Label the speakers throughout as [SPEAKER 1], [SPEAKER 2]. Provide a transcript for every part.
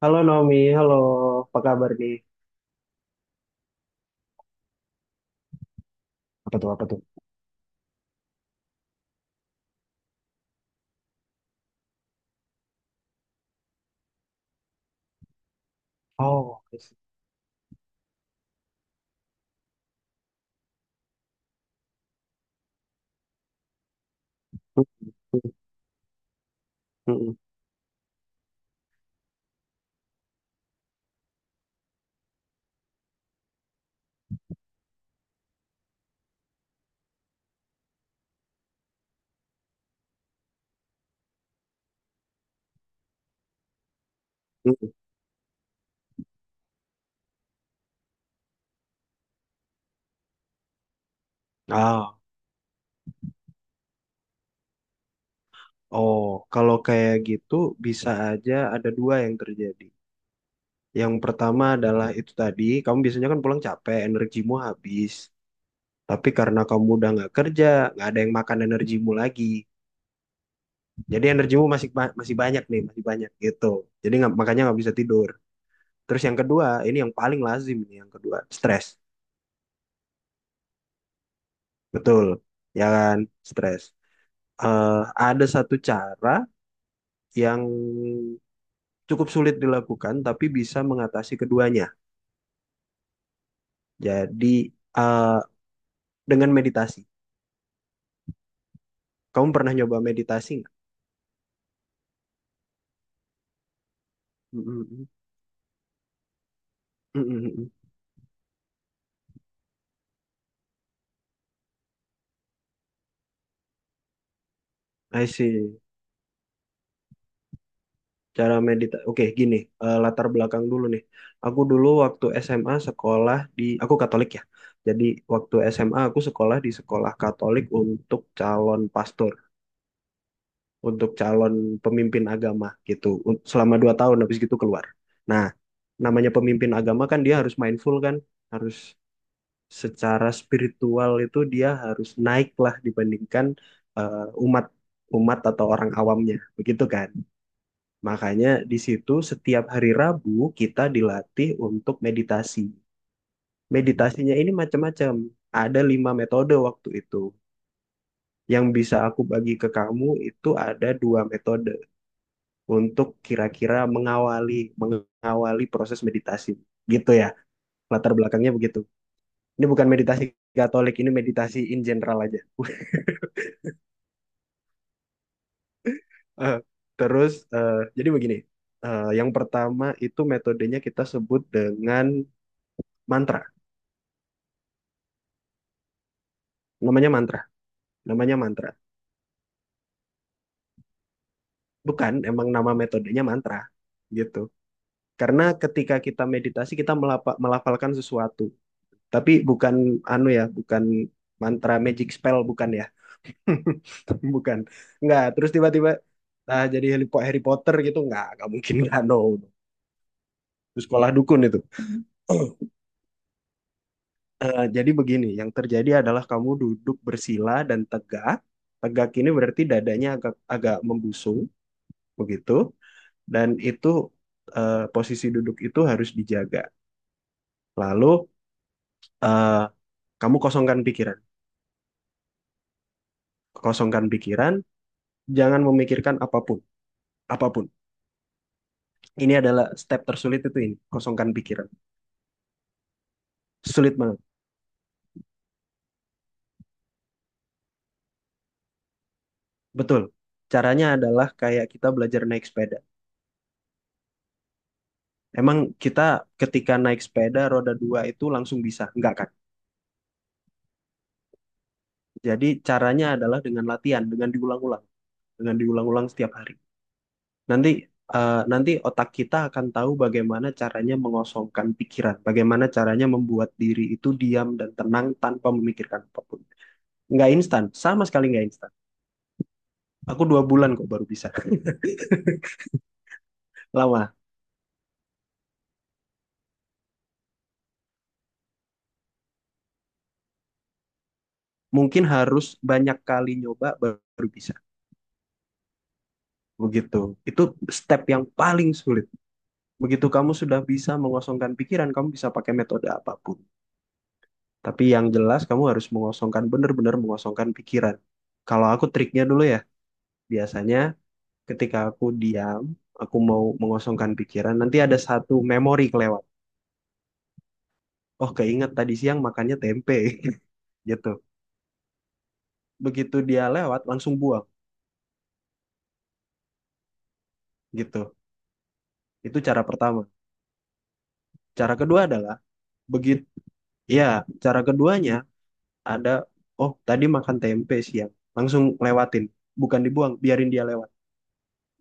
[SPEAKER 1] Halo Naomi, halo. Apa kabar nih? Apa tuh, apa tuh? Oh, I see. Mm, mm, mm, mm. mm. Ah, oh, Kalau kayak gitu bisa aja ada dua yang terjadi. Yang pertama adalah itu tadi, kamu biasanya kan pulang capek, energimu habis. Tapi karena kamu udah nggak kerja, nggak ada yang makan energimu lagi. Jadi energimu masih banyak nih, masih banyak gitu. Jadi nggak, makanya nggak bisa tidur. Terus yang kedua, ini yang paling lazim nih, yang kedua, stres. Betul, ya kan? Stres. eh, ada satu cara yang cukup sulit dilakukan, tapi bisa mengatasi keduanya. Jadi, eh, dengan meditasi. Kamu pernah nyoba meditasi nggak? Mm, mm, mm, mm, mm, mm. I see. Cara meditasi. Oke, gini. Latar belakang dulu nih. Aku dulu waktu SMA sekolah di... Aku Katolik ya. Jadi, waktu SMA aku sekolah di sekolah Katolik untuk calon pastor. Untuk calon pemimpin agama gitu selama dua tahun habis gitu keluar. Nah, namanya pemimpin agama kan dia harus mindful kan, harus secara spiritual itu dia harus naik lah dibandingkan eh, umat umat atau orang awamnya, begitu kan? Makanya di situ setiap hari Rabu kita dilatih untuk meditasi. Meditasinya ini macam-macam. Ada lima metode waktu itu. Yang bisa aku bagi ke kamu itu ada dua metode. Untuk kira-kira mengawali mengawali proses meditasi gitu ya, latar belakangnya begitu. Ini bukan meditasi Katolik, ini meditasi in general aja. Eh, jadi begini, yang pertama itu metodenya kita sebut dengan mantra. Namanya mantra namanya mantra Bukan emang nama metodenya mantra gitu, karena ketika kita meditasi kita melafalkan sesuatu, tapi bukan anu ya, bukan mantra magic spell, bukan ya. Bukan. Nggak terus tiba-tiba ah, jadi Harry Potter gitu. Nggak mungkin. Nggak, no. No. Itu sekolah dukun itu. Jadi begini, yang terjadi adalah kamu duduk bersila dan tegak. Tegak ini berarti dadanya agak agak membusung, begitu. Dan itu posisi duduk itu harus dijaga. Lalu eh, kamu kosongkan pikiran, kosongkan pikiran. Jangan memikirkan apapun, apapun. Ini adalah step tersulit itu ini, kosongkan pikiran. Sulit banget. Betul. Caranya adalah kayak kita belajar naik sepeda. Emang kita ketika naik sepeda roda dua itu langsung bisa? Enggak kan? Jadi caranya adalah dengan latihan, dengan diulang-ulang setiap hari. Nanti Nanti otak kita akan tahu bagaimana caranya mengosongkan pikiran, bagaimana caranya membuat diri itu diam dan tenang tanpa memikirkan apapun. Nggak instan, sama sekali nggak instan. Aku dua bulan kok baru bisa. Lama. Mungkin harus banyak kali nyoba baru bisa. Begitu. Itu step yang paling sulit. Begitu kamu sudah bisa mengosongkan pikiran, kamu bisa pakai metode apapun. Tapi yang jelas kamu harus mengosongkan, benar-benar mengosongkan pikiran. Kalau aku triknya dulu ya, biasanya ketika aku diam, aku mau mengosongkan pikiran, nanti ada satu memori kelewat. Oh, keinget tadi siang makannya tempe, gitu. Begitu dia lewat, langsung buang, gitu. Itu cara pertama. Cara kedua adalah, begitu, ya, cara keduanya ada, oh tadi makan tempe siang langsung lewatin, bukan dibuang, biarin dia lewat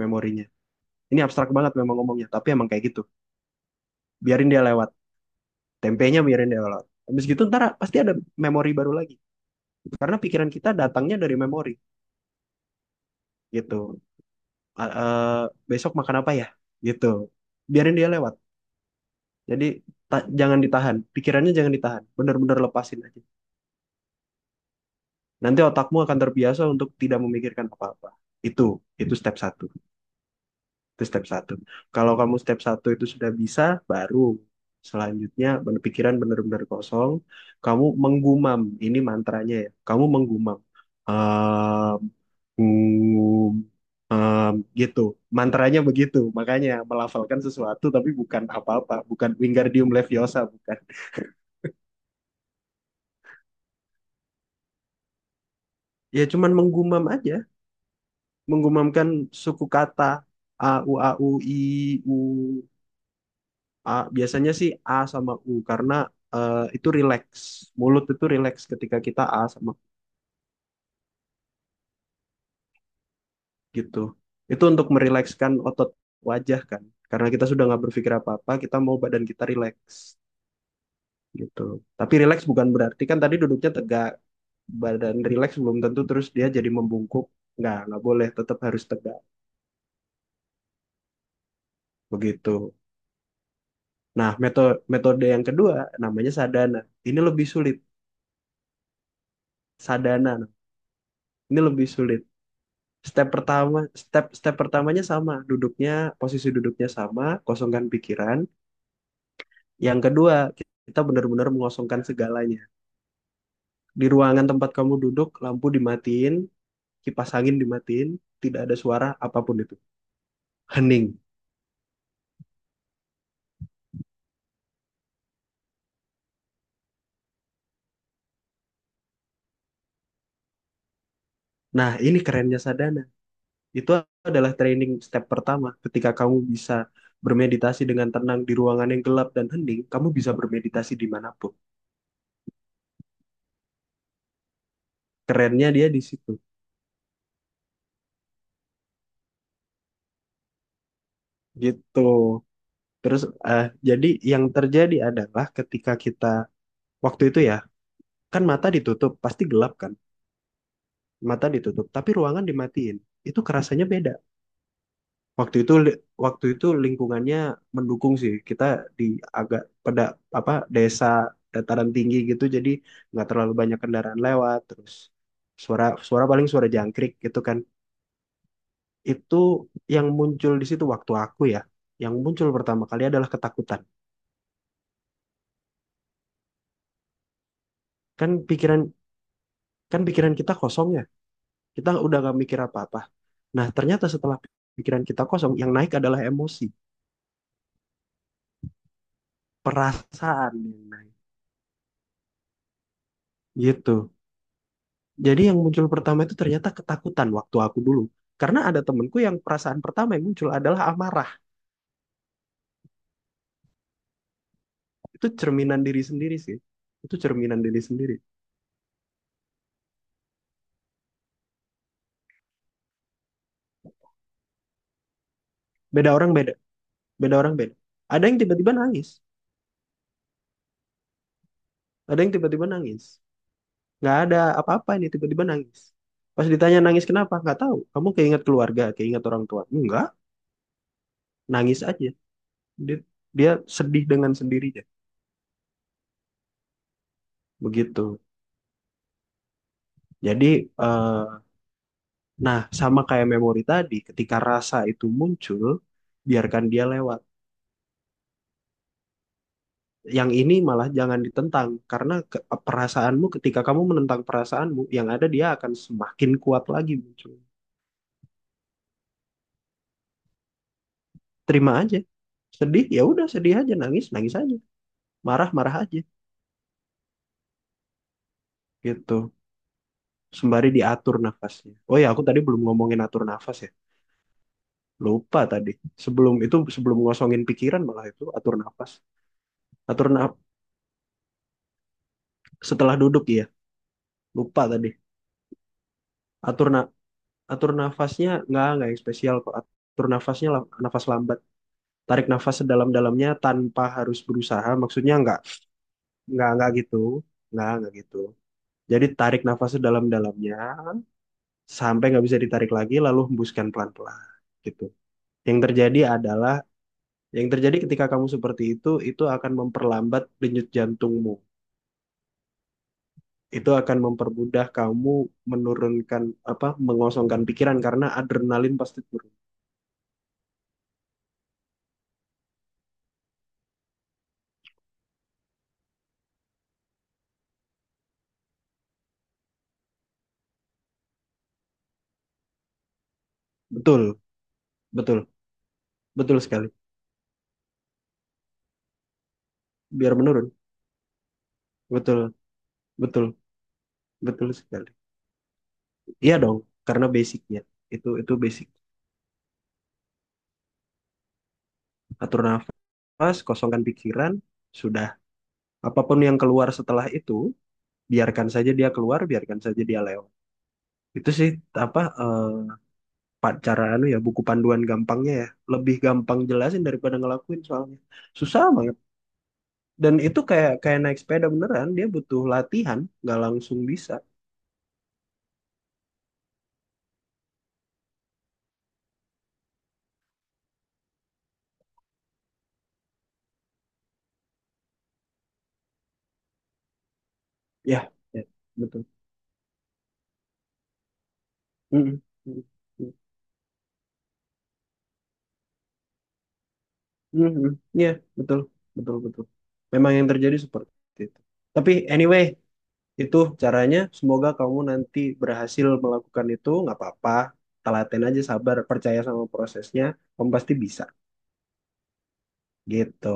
[SPEAKER 1] memorinya. Ini abstrak banget memang ngomongnya, tapi emang kayak gitu, biarin dia lewat, tempenya biarin dia lewat. Habis gitu ntar pasti ada memori baru lagi, karena pikiran kita datangnya dari memori gitu. A- eh, Besok makan apa ya, gitu, biarin dia lewat. Jadi jangan ditahan pikirannya, jangan ditahan, bener-bener lepasin aja. Nanti otakmu akan terbiasa untuk tidak memikirkan apa-apa. itu itu step satu. Itu step satu. Kalau kamu step satu itu sudah bisa, baru selanjutnya pikiran benar-benar kosong. Kamu menggumam, ini mantranya ya. Kamu menggumam. Ehm, hmm, gitu. Mantranya begitu. Makanya melafalkan sesuatu tapi bukan apa-apa. Bukan Wingardium Leviosa, bukan. Ya cuman menggumam aja. Menggumamkan suku kata. A, U, A, U, I, U. A, biasanya sih A sama U, karena itu relax. Mulut itu relax ketika kita A sama U gitu. Itu untuk merilekskan otot wajah kan. Karena kita sudah nggak berpikir apa-apa, kita mau badan kita relax gitu. Tapi relax bukan berarti kan tadi duduknya tegak. Badan relax belum tentu terus dia jadi membungkuk. Nggak boleh, tetap harus tegak. Begitu. Nah, metode metode yang kedua namanya sadhana. Ini lebih sulit. Sadhana. Ini lebih sulit. Step pertama, step step pertamanya sama, duduknya, posisi duduknya sama, kosongkan pikiran. Yang kedua, kita benar-benar mengosongkan segalanya. Di ruangan tempat kamu duduk, lampu dimatiin, kipas angin dimatiin, tidak ada suara apapun itu. Hening. Nah, ini kerennya sadhana. Itu adalah training step pertama. Ketika kamu bisa bermeditasi dengan tenang di ruangan yang gelap dan hening, kamu bisa bermeditasi dimanapun. Kerennya dia di situ. Gitu. Terus jadi yang terjadi adalah ketika kita waktu itu ya, kan mata ditutup, pasti gelap kan? Mata ditutup, tapi ruangan dimatiin. Itu kerasanya beda. Waktu itu li- Waktu itu lingkungannya mendukung sih. Kita di agak pada apa desa dataran tinggi gitu, jadi nggak terlalu banyak kendaraan lewat. Terus suara suara paling suara jangkrik gitu kan. Itu yang muncul di situ waktu aku ya. Yang muncul pertama kali adalah ketakutan. Kan pikiran Kan pikiran kita kosong ya. Kita udah gak mikir apa-apa. Nah, ternyata setelah pikiran kita kosong, yang naik adalah emosi, perasaan yang naik. Gitu. Jadi yang muncul pertama itu ternyata ketakutan waktu aku dulu. Karena ada temenku yang perasaan pertama yang muncul adalah amarah. Itu cerminan diri sendiri sih. Itu cerminan diri sendiri. Beda orang beda. Beda orang beda. Ada yang tiba-tiba nangis. Ada yang tiba-tiba nangis. Nggak ada apa-apa ini tiba-tiba nangis. Pas ditanya nangis kenapa? Nggak tahu. Kamu keinget keluarga, keinget orang tua. Enggak, nangis aja. dia, Dia sedih dengan sendirinya, begitu. Jadi eh, nah sama kayak memori tadi, ketika rasa itu muncul, biarkan dia lewat. Yang ini malah jangan ditentang, karena perasaanmu ketika kamu menentang perasaanmu yang ada, dia akan semakin kuat lagi muncul. Terima aja, sedih ya udah sedih aja, nangis nangis aja, marah marah aja, gitu. Sembari diatur nafasnya, oh ya aku tadi belum ngomongin atur nafas ya, lupa tadi. Sebelum itu, sebelum ngosongin pikiran malah itu atur nafas. atur na- Setelah duduk ya, lupa tadi. atur na- Atur nafasnya, nggak yang spesial kok atur nafasnya, nafas lambat. Tarik nafas sedalam-dalamnya tanpa harus berusaha, maksudnya nggak gitu, nggak gitu. Jadi tarik nafas sedalam-dalamnya sampai nggak bisa ditarik lagi, lalu hembuskan pelan-pelan gitu. Yang terjadi adalah, yang terjadi ketika kamu seperti itu akan memperlambat denyut jantungmu, itu akan mempermudah kamu menurunkan apa mengosongkan pikiran karena adrenalin pasti turun. Betul, betul, betul sekali. Biar menurun. Betul, betul, betul sekali. Iya dong, karena basicnya itu basic. Atur nafas, kosongkan pikiran, sudah. Apapun yang keluar setelah itu, biarkan saja dia keluar, biarkan saja dia lewat. Itu sih apa cara anu ya, buku panduan gampangnya ya. Lebih gampang jelasin daripada ngelakuin soalnya. Susah banget. Dan itu kayak kayak naik sepeda beneran, dia butuh latihan nggak langsung bisa. Ya, ya, betul. Mm-mm. Mm-mm. Ya, betul betul betul, memang yang terjadi seperti itu. Tapi anyway, itu caranya. Semoga kamu nanti berhasil melakukan itu, nggak apa-apa, telaten aja, sabar, percaya sama prosesnya, kamu pasti bisa, gitu.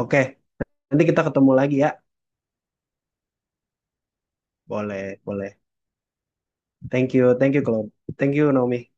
[SPEAKER 1] Oke, nanti kita ketemu lagi ya. Boleh, boleh. Thank you, thank you Claude, thank you Naomi.